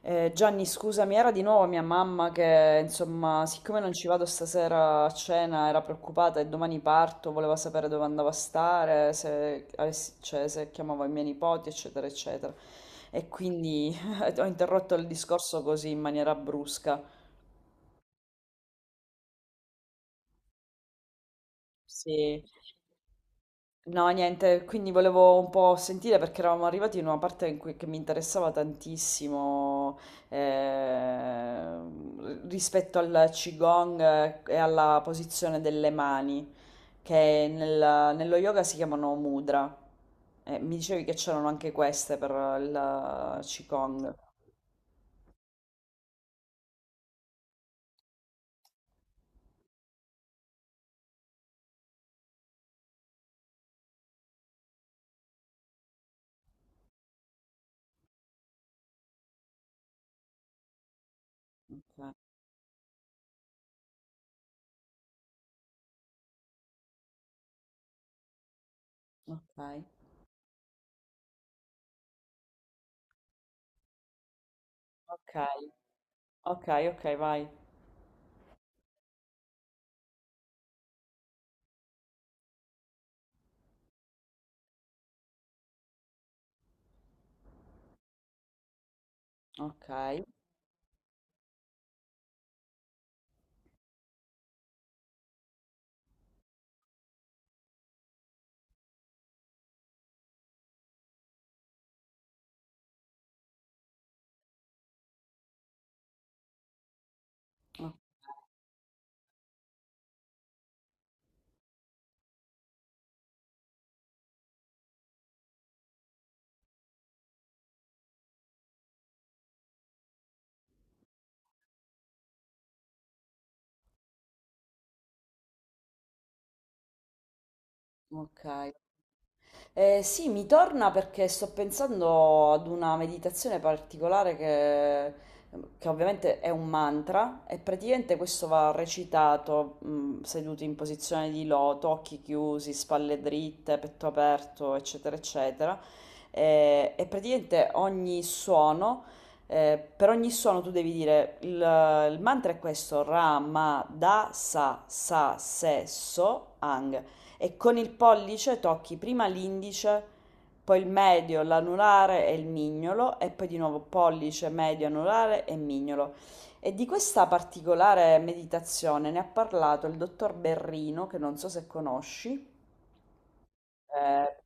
Gianni, scusami, era di nuovo mia mamma che, insomma, siccome non ci vado stasera a cena, era preoccupata e domani parto, voleva sapere dove andavo a stare, se, avessi- cioè, se chiamavo i miei nipoti, eccetera, eccetera. E quindi ho interrotto il discorso così in maniera brusca. Sì. No, niente, quindi volevo un po' sentire perché eravamo arrivati in una parte in cui, che mi interessava tantissimo eh, rispetto al Qigong e alla posizione delle mani, che nello yoga si chiamano mudra. Mi dicevi che c'erano anche queste per il Qigong. Ok, ok, ok, ok, ok, vai. Ok, o- ok. Sì, mi torna perché sto pensando ad una meditazione particolare che ovviamente è un mantra e praticamente questo va recitato seduti in posizione di loto, occhi chiusi, spalle dritte, petto aperto, eccetera, eccetera. E praticamente ogni suono, per ogni suono tu devi dire il mantra è questo, Ra, Ma, Da, Sa, Sa, Se, So, Ang e con il pollice tocchi prima l'indice, poi il medio, l'anulare e il mignolo e poi di nuovo pollice, medio, anulare e mignolo. E di questa particolare meditazione ne ha parlato il dottor Berrino, che non so se conosci. eh,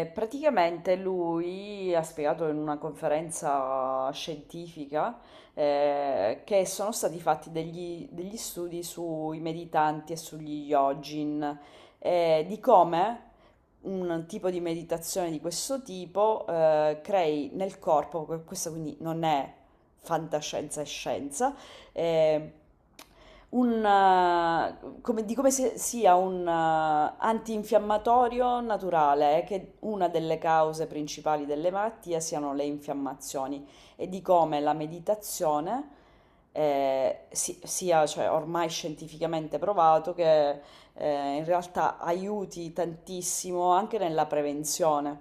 praticamente lui ha spiegato in una conferenza scientifica che sono stati fatti degli studi sui meditanti e sugli yogin, di come un tipo di meditazione di questo tipo crei nel corpo, questa quindi non è fantascienza, è scienza, eh, un, come, di come se sia un antinfiammatorio naturale, che una delle cause principali delle malattie siano le infiammazioni e di come la meditazione sia, cioè, ormai scientificamente provato che in realtà aiuti tantissimo anche nella prevenzione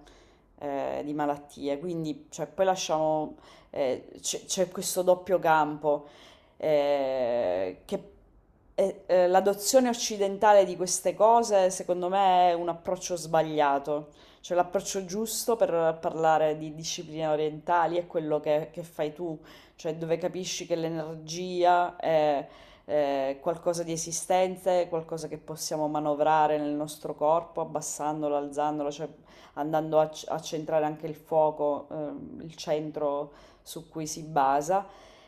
di malattie. Quindi, cioè, poi lasciamo, c'è questo doppio campo che l'adozione occidentale di queste cose, secondo me, è un approccio sbagliato. Cioè, l'approccio giusto per parlare di discipline orientali è quello che fai tu, cioè dove capisci che l'energia è qualcosa di esistente, qualcosa che possiamo manovrare nel nostro corpo, abbassandolo, alzandolo, cioè andando a centrare anche il fuoco, il centro su cui si basa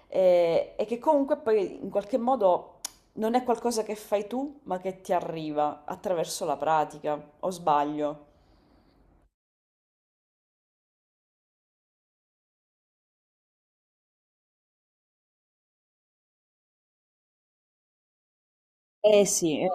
e che comunque poi in qualche modo non è qualcosa che fai tu, ma che ti arriva attraverso la pratica, o sbaglio? Eh sì,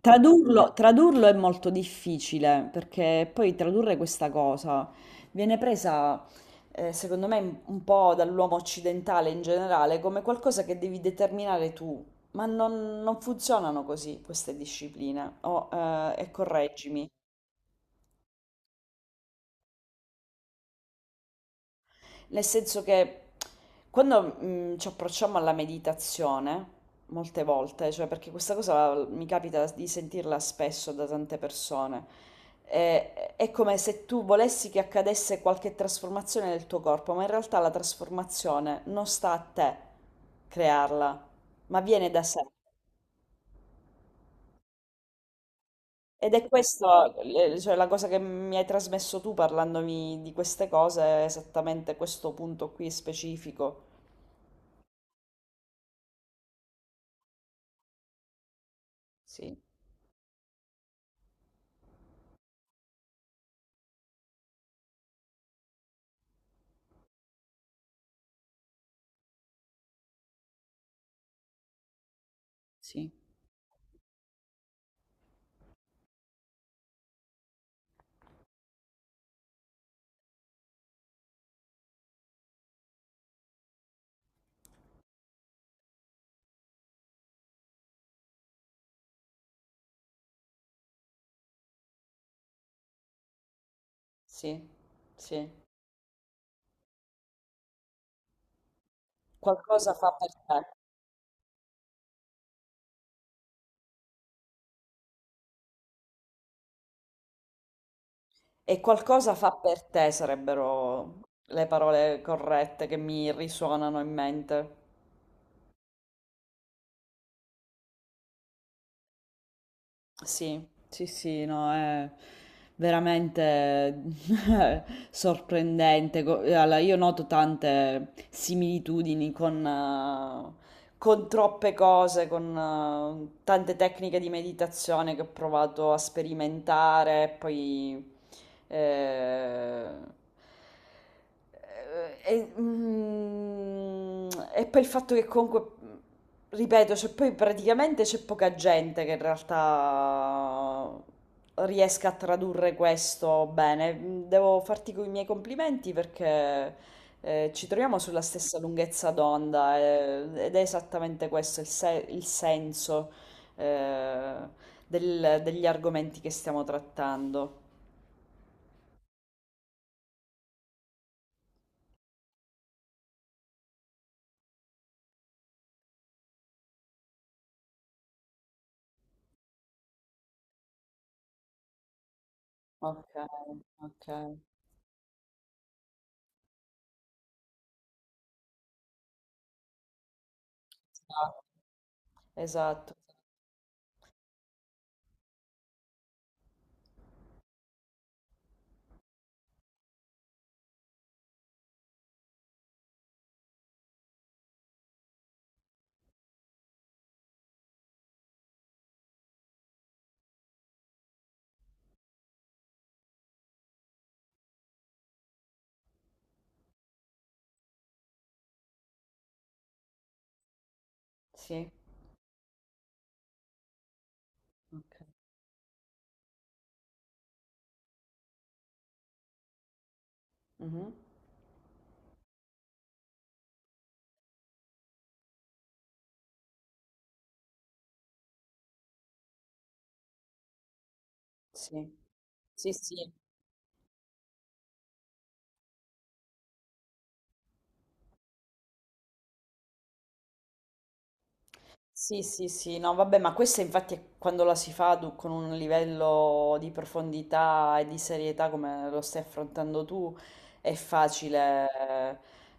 tradurlo è molto difficile perché poi tradurre questa cosa viene presa, secondo me, un po' dall'uomo occidentale in generale come qualcosa che devi determinare tu, ma non funzionano così queste discipline. E correggimi. Nel senso che quando ci approcciamo alla meditazione, molte volte, cioè perché questa cosa mi capita di sentirla spesso da tante persone, è come se tu volessi che accadesse qualche trasformazione nel tuo corpo, ma in realtà la trasformazione non sta a te crearla, ma viene da sé. Ed è questa, cioè, la cosa che mi hai trasmesso tu parlandomi di queste cose, è esattamente questo punto qui specifico. Sì, sì. Sì, sì. Qualcosa fa per te. E qualcosa fa per te sarebbero le parole corrette che mi risuonano in mente. Sì, sì, sì, no, è veramente sorprendente. Allora, io noto tante similitudini con troppe cose, con tante tecniche di meditazione che ho provato a sperimentare, Eh, eh, e, mm, e poi il fatto che comunque, ripeto, cioè poi praticamente c'è poca gente che in realtà riesca a tradurre questo bene. Devo farti i miei complimenti perché ci troviamo sulla stessa lunghezza d'onda ed è esattamente questo il, se- il senso eh, degli argomenti che stiamo trattando. Ok, ok. Ah, esatto, sì, ok. Mhm, sì, sì, sì. Sì, sì, sì, no, vabbè, ma questa infatti è quando la si fa con un livello di profondità e di serietà come lo stai affrontando tu, è facile,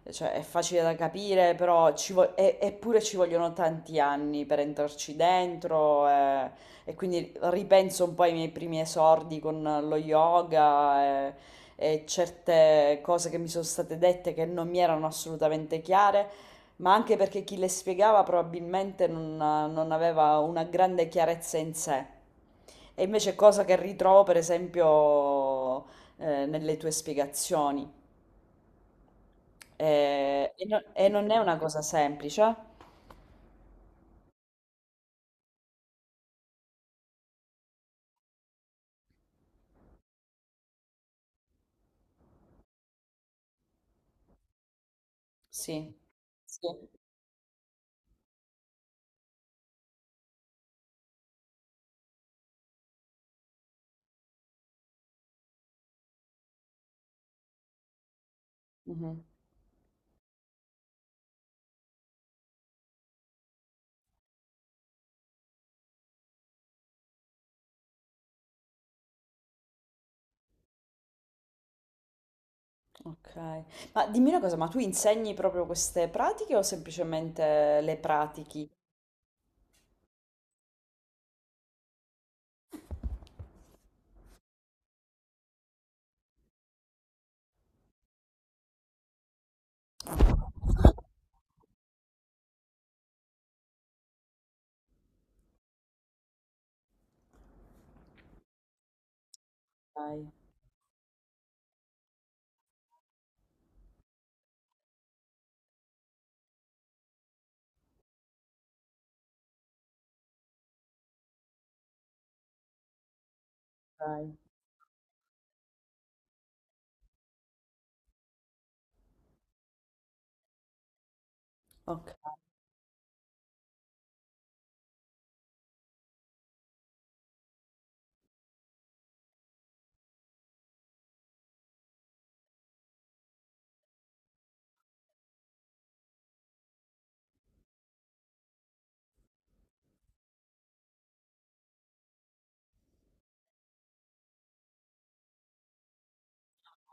cioè è facile da capire, però eppure ci vogliono tanti anni per entrarci dentro e quindi ripenso un po' ai miei primi esordi con lo yoga e certe cose che mi sono state dette che non mi erano assolutamente chiare. Ma anche perché chi le spiegava probabilmente non, non aveva una grande chiarezza in sé. E invece cosa che ritrovo, per esempio, nelle tue spiegazioni. E non è una cosa semplice? Sì. Sì. Mhm. Ok. Ma dimmi una cosa, ma tu insegni proprio queste pratiche o semplicemente le pratichi? Ok, ok,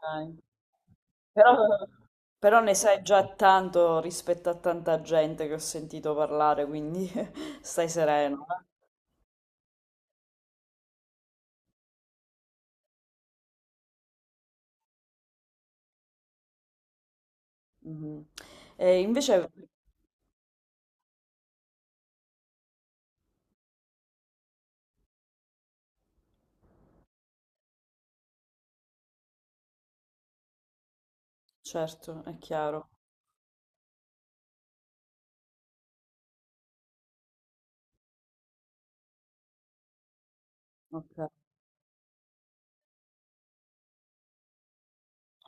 ok. Però, però ne sai già tanto rispetto a tanta gente che ho sentito parlare, quindi stai sereno. Eh. Mhm. E invece, certo, è chiaro. Ok,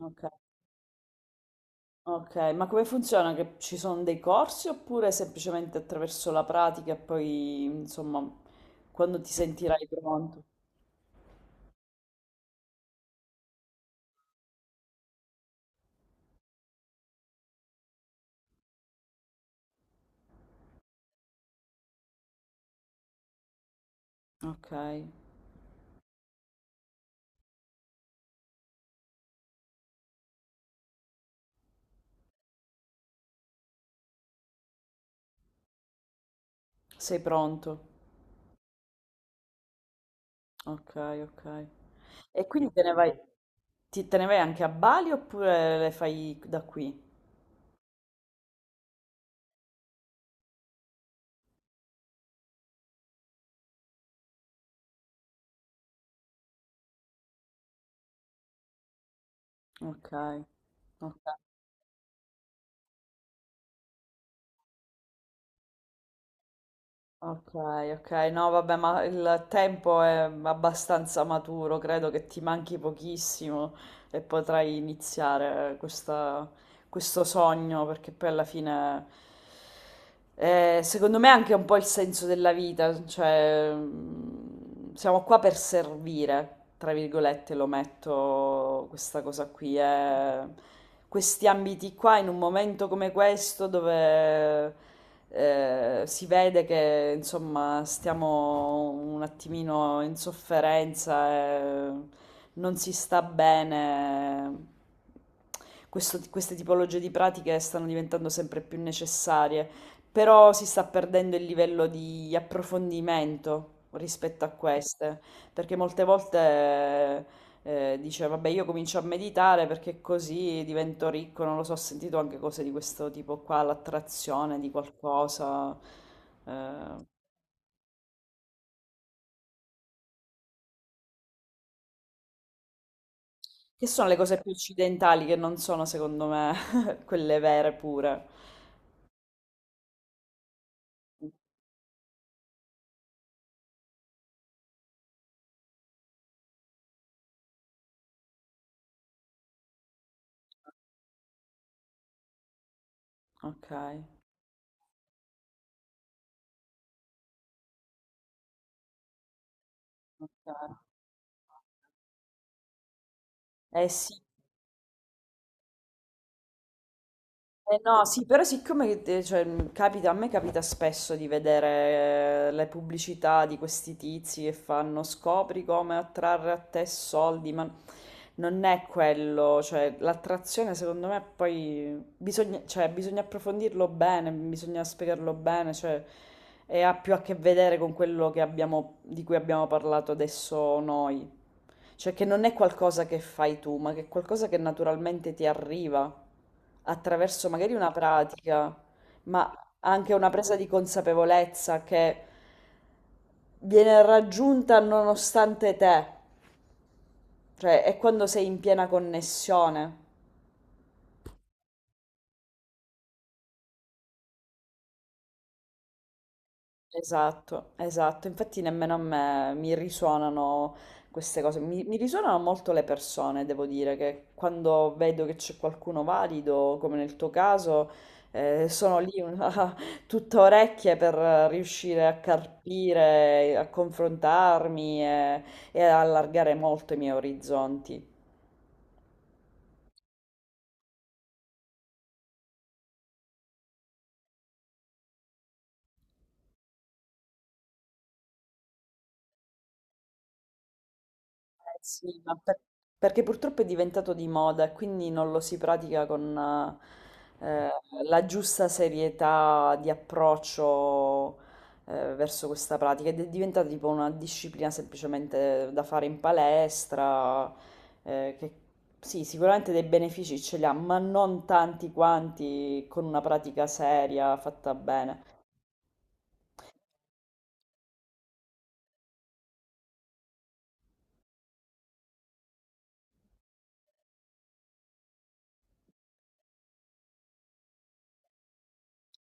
ok, ok. Ma come funziona? Che ci sono dei corsi oppure semplicemente attraverso la pratica e poi, insomma, quando ti sentirai pronto? Ok, sei pronto. Ok, ok. E quindi te ne vai, te ne vai anche a Bali oppure le fai da qui? Ok, ok, ok, ok. No, vabbè, ma il tempo è abbastanza maturo, credo che ti manchi pochissimo e potrai iniziare questa questo sogno, perché poi alla fine, secondo me, è anche un po' il senso della vita, cioè siamo qua per servire, tra virgolette, lo metto questa cosa qui, questi ambiti qua in un momento come questo dove si vede che insomma stiamo un attimino in sofferenza, e non si sta bene. Questo t queste tipologie di pratiche stanno diventando sempre più necessarie, però si sta perdendo il livello di approfondimento rispetto a queste, perché molte volte dice, vabbè, io comincio a meditare perché così divento ricco, non lo so, ho sentito anche cose di questo tipo qua, l'attrazione di qualcosa, eh, che sono le cose più occidentali che non sono, secondo me, quelle vere pure. Ok, ok. Eh sì. Eh no, sì, però siccome cioè, capita, a me capita spesso di vedere le pubblicità di questi tizi che fanno scopri come attrarre a te soldi, ma non è quello, cioè l'attrazione secondo me poi bisogna, cioè, bisogna approfondirlo bene, bisogna spiegarlo bene, cioè, e ha più a che vedere con quello che abbiamo, di cui abbiamo parlato adesso noi. Cioè che non è qualcosa che fai tu, ma che è qualcosa che naturalmente ti arriva attraverso magari una pratica, ma anche una presa di consapevolezza che viene raggiunta nonostante te. Cioè è quando sei in piena connessione. Esatto, esatto, infatti nemmeno a me mi risuonano queste cose, mi risuonano molto le persone, devo dire, che quando vedo che c'è qualcuno valido, come nel tuo caso, sono lì tutta orecchie per riuscire a carpire, a confrontarmi e ad allargare molto i miei orizzonti. Eh sì, perché purtroppo è diventato di moda e quindi non lo si pratica con eh, la giusta serietà di approccio verso questa pratica ed è diventata tipo una disciplina semplicemente da fare in palestra, che sì, sicuramente dei benefici ce li ha, ma non tanti quanti con una pratica seria fatta bene.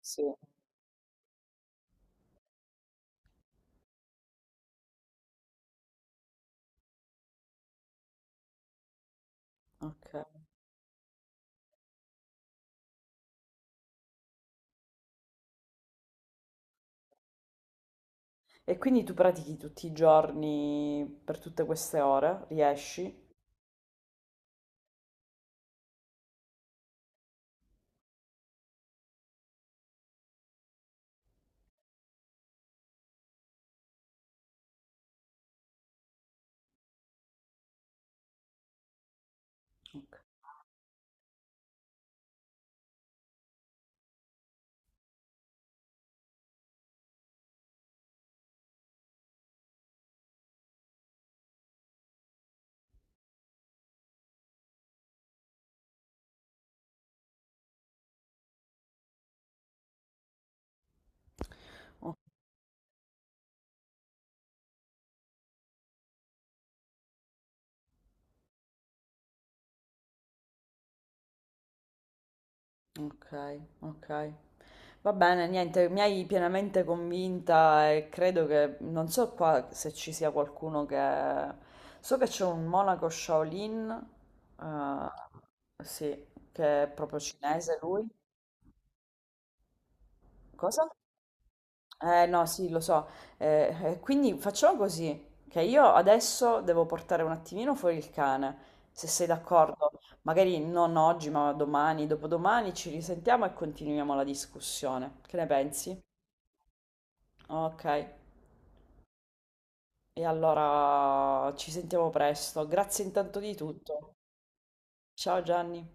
Sì, ok. E quindi tu pratichi tutti i giorni per tutte queste ore? Riesci? O- Ok, ok. Va bene, niente, mi hai pienamente convinta e credo che non so qua se ci sia qualcuno che so che c'è un monaco Shaolin sì, che è proprio cinese lui. Cosa? Eh no, sì, lo so. Quindi facciamo così, che io adesso devo portare un attimino fuori il cane, se sei d'accordo. Magari non oggi, ma domani, dopodomani ci risentiamo e continuiamo la discussione. Che ne pensi? Ok, e allora ci sentiamo presto. Grazie intanto di tutto. Ciao Gianni.